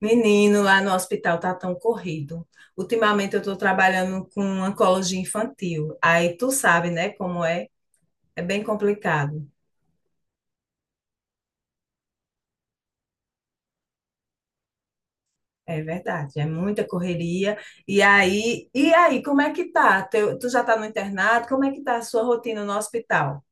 Menino, lá no hospital tá tão corrido. Ultimamente eu tô trabalhando com oncologia infantil. Aí tu sabe, né, como é? É bem complicado. É verdade, é muita correria. E aí, como é que tá? Tu já tá no internato? Como é que tá a sua rotina no hospital?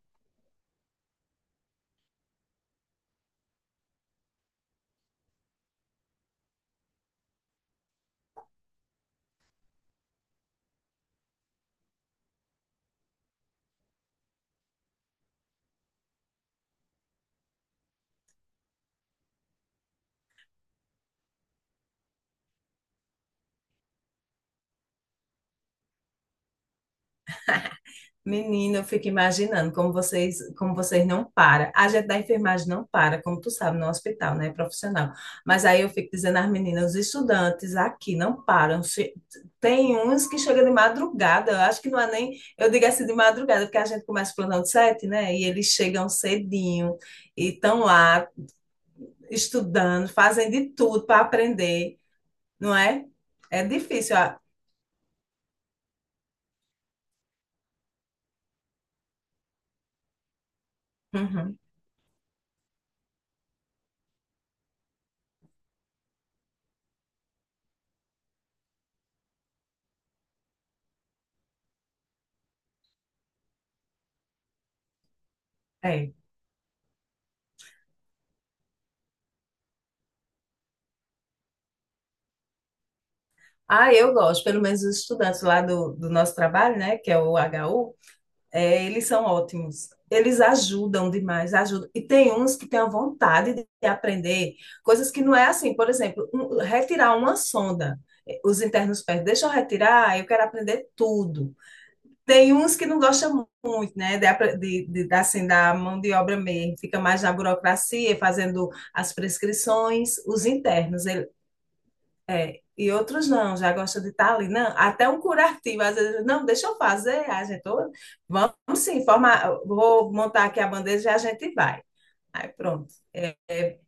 Menina, eu fico imaginando como vocês não param. A gente da enfermagem não para, como tu sabe, no hospital, né? Profissional. Mas aí eu fico dizendo às meninas, os estudantes aqui não param. Tem uns que chegam de madrugada, eu acho que não é nem, eu digo assim de madrugada, porque a gente começa o plantão de sete, né? E eles chegam cedinho e estão lá estudando, fazem de tudo para aprender, não é? É difícil. Uhum, é. Ah, eu gosto, pelo menos os estudantes lá do nosso trabalho, né, que é o HU, é, eles são ótimos. Eles ajudam demais, ajudam. E tem uns que têm a vontade de aprender coisas que não é assim. Por exemplo, retirar uma sonda. É, os internos pedem, deixa eu retirar, eu quero aprender tudo. Tem uns que não gostam muito, né, de, apre- de- da- assim, da mão de obra mesmo. Fica mais na burocracia, fazendo as prescrições. Os internos, é, e outros não, já gostam de estar ali. Não, até um curativo, às vezes, não, deixa eu fazer, a gente, "Ô, vamos sim, formar, vou montar aqui a bandeja e a gente vai. Aí pronto.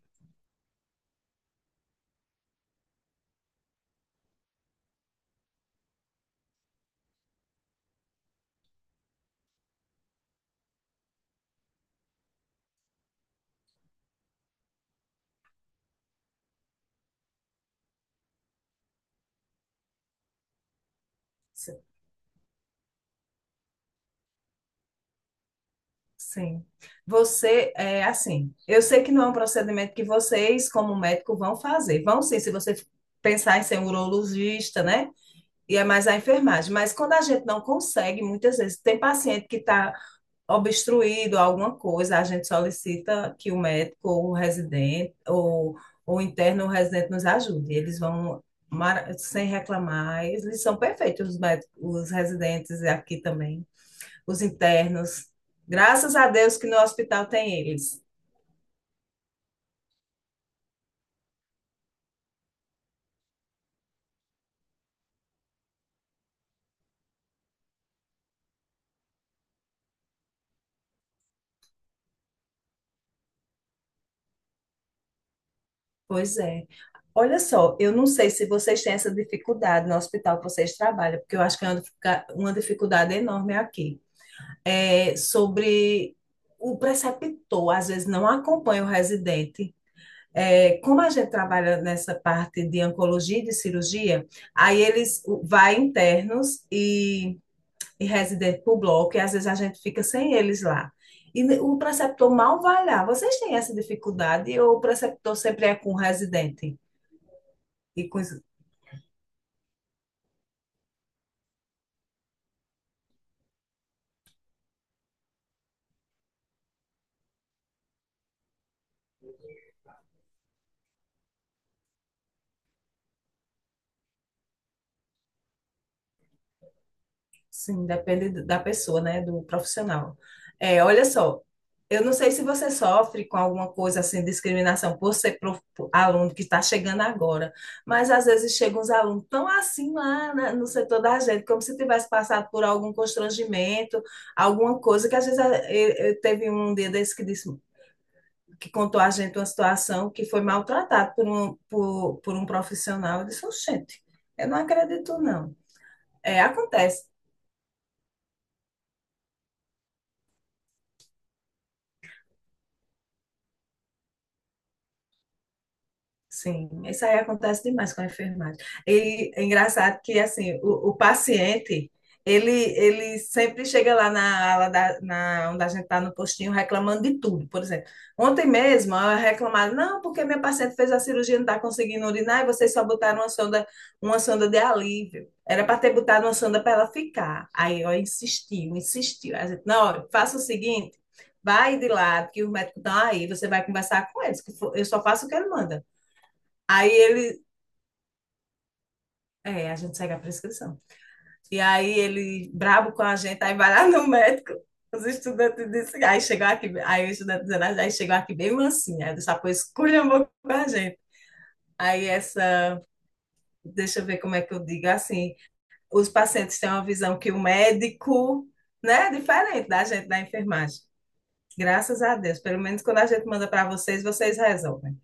s- sim. Você, é assim, eu sei que não é um procedimento que vocês, como médico, vão fazer. Vão sim, se você pensar em ser um urologista, né? E é mais a enfermagem. Mas quando a gente não consegue, muitas vezes, tem paciente que está obstruído alguma coisa, a gente solicita que o médico ou o residente ou o interno ou o residente nos ajude. Sem reclamar, eles são perfeitos, os médicos, os residentes aqui também, os internos. Graças a Deus que no hospital tem eles. Pois é. Olha só, eu não sei se vocês têm essa dificuldade no hospital que vocês trabalham, porque eu acho que é uma dificuldade enorme aqui. É, sobre o preceptor, às vezes não acompanha o residente. É, como a gente trabalha nessa parte de oncologia e de cirurgia, aí eles vai internos e residente para o bloco, e às vezes a gente fica sem eles lá. E o preceptor mal vai lá. Vocês têm essa dificuldade ou o preceptor sempre é com o residente e com os... Sim, depende da pessoa, né? Do profissional. É, olha só, eu não sei se você sofre com alguma coisa assim, discriminação por ser aluno que está chegando agora, mas às vezes chegam uns alunos tão assim lá no setor da gente, como se tivesse passado por algum constrangimento, alguma coisa que às vezes eu teve um dia desse que disse que contou a gente uma situação que foi maltratado por um profissional. Eu disse, gente, eu não acredito, não. É, acontece. Sim, isso aí acontece demais com a enfermagem. E é engraçado que, assim, o paciente, ele sempre chega lá na ala da, na, onde a gente está no postinho reclamando de tudo. Por exemplo, ontem mesmo eu reclamava, não, porque minha paciente fez a cirurgia e não está conseguindo urinar e vocês só botaram uma sonda de alívio. Era para ter botado uma sonda para ela ficar. Aí eu insistiu, insistiu. A gente, não, olha, faça o seguinte, vai de lado, que os médicos estão aí, você vai conversar com eles, que eu só faço o que ele manda. Aí ele, a gente segue a prescrição. E aí ele, brabo com a gente, aí vai lá no médico. Os estudantes dizem, aí chegou aqui, aí o estudante dizendo, "Ah, aí chegou aqui bem mansinha, aí dessa coisa esculhambou com a gente. Aí essa, deixa eu ver como é que eu digo, assim, os pacientes têm uma visão que o médico, né, é diferente da gente da enfermagem. Graças a Deus, pelo menos quando a gente manda para vocês, vocês resolvem.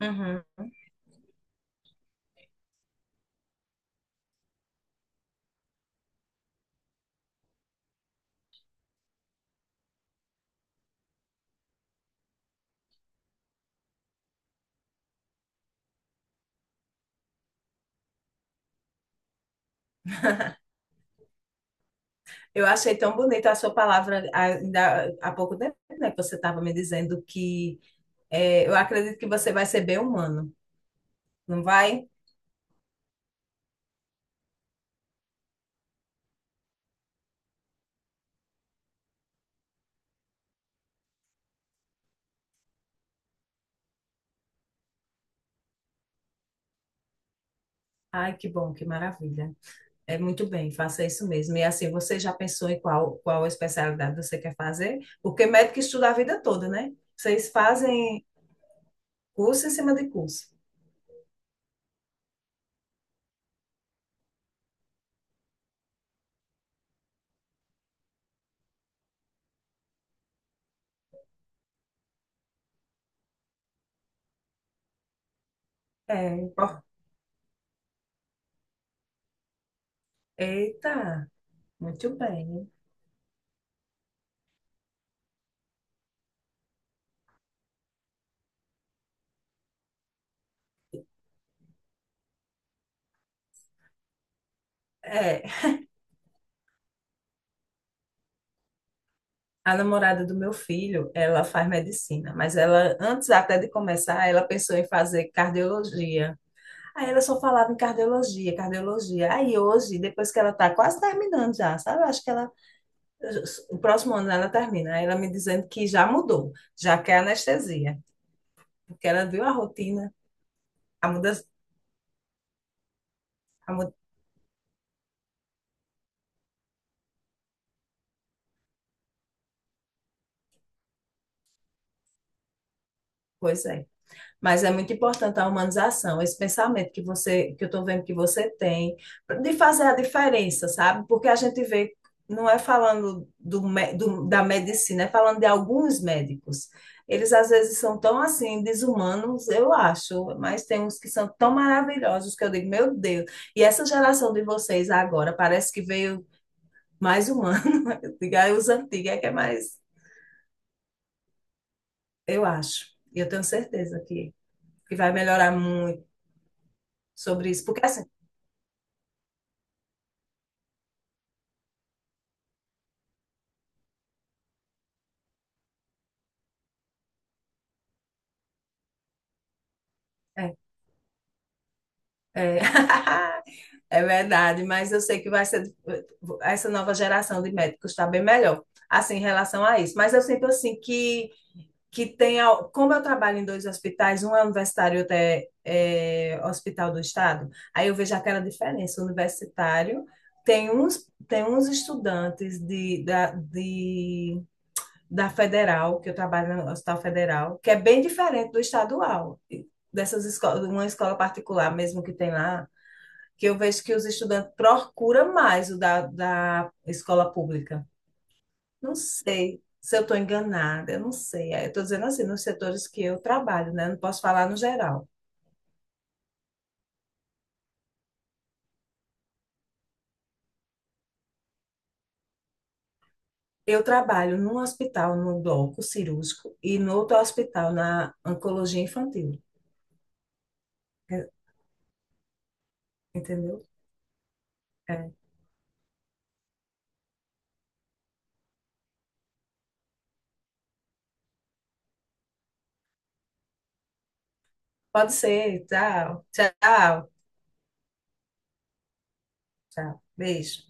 Uhum. Eu achei tão bonita a sua palavra ainda há pouco tempo, né, que você estava me dizendo que eu acredito que você vai ser bem humano, não vai? Ai, que bom, que maravilha. É muito bem, faça isso mesmo. E assim, você já pensou em qual especialidade você quer fazer? Porque médico estuda a vida toda, né? Vocês fazem curso em cima de curso. É. Eita, muito bem. É, a namorada do meu filho, ela faz medicina, mas ela, antes até de começar, ela pensou em fazer cardiologia. Aí ela só falava em cardiologia, cardiologia. Aí hoje, depois que ela tá quase terminando já, sabe? Eu acho que ela, o próximo ano ela termina. Aí ela me dizendo que já mudou, já quer anestesia, porque ela viu a rotina, a mudança, a mudança. Mas é muito importante a humanização, esse pensamento que eu estou vendo que você tem, de fazer a diferença, sabe? Porque a gente vê, não é falando da medicina, é falando de alguns médicos. Eles às vezes são tão assim, desumanos, eu acho, mas tem uns que são tão maravilhosos que eu digo, meu Deus. E essa geração de vocês agora parece que veio mais humana. Diga, os antigos é que é mais, eu acho. E eu tenho certeza que vai melhorar muito sobre isso. Porque assim. é, É, é verdade, mas eu sei que vai ser essa nova geração de médicos está bem melhor, assim, em relação a isso. Mas eu sinto assim que tem, como eu trabalho em dois hospitais, um é universitário e outro é hospital do estado, aí eu vejo aquela diferença. O universitário tem uns estudantes da federal, que eu trabalho no Hospital Federal, que é bem diferente do estadual. Dessas escolas, uma escola particular mesmo que tem lá, que eu vejo que os estudantes procuram mais o da escola pública. Não sei se eu estou enganada, eu não sei. É. Eu estou dizendo assim, nos setores que eu trabalho, né? Não posso falar no geral. Eu trabalho num hospital, no bloco cirúrgico, e no outro hospital, na oncologia infantil. É. Entendeu? É. Pode ser. Tchau, tchau, tchau. Beijo.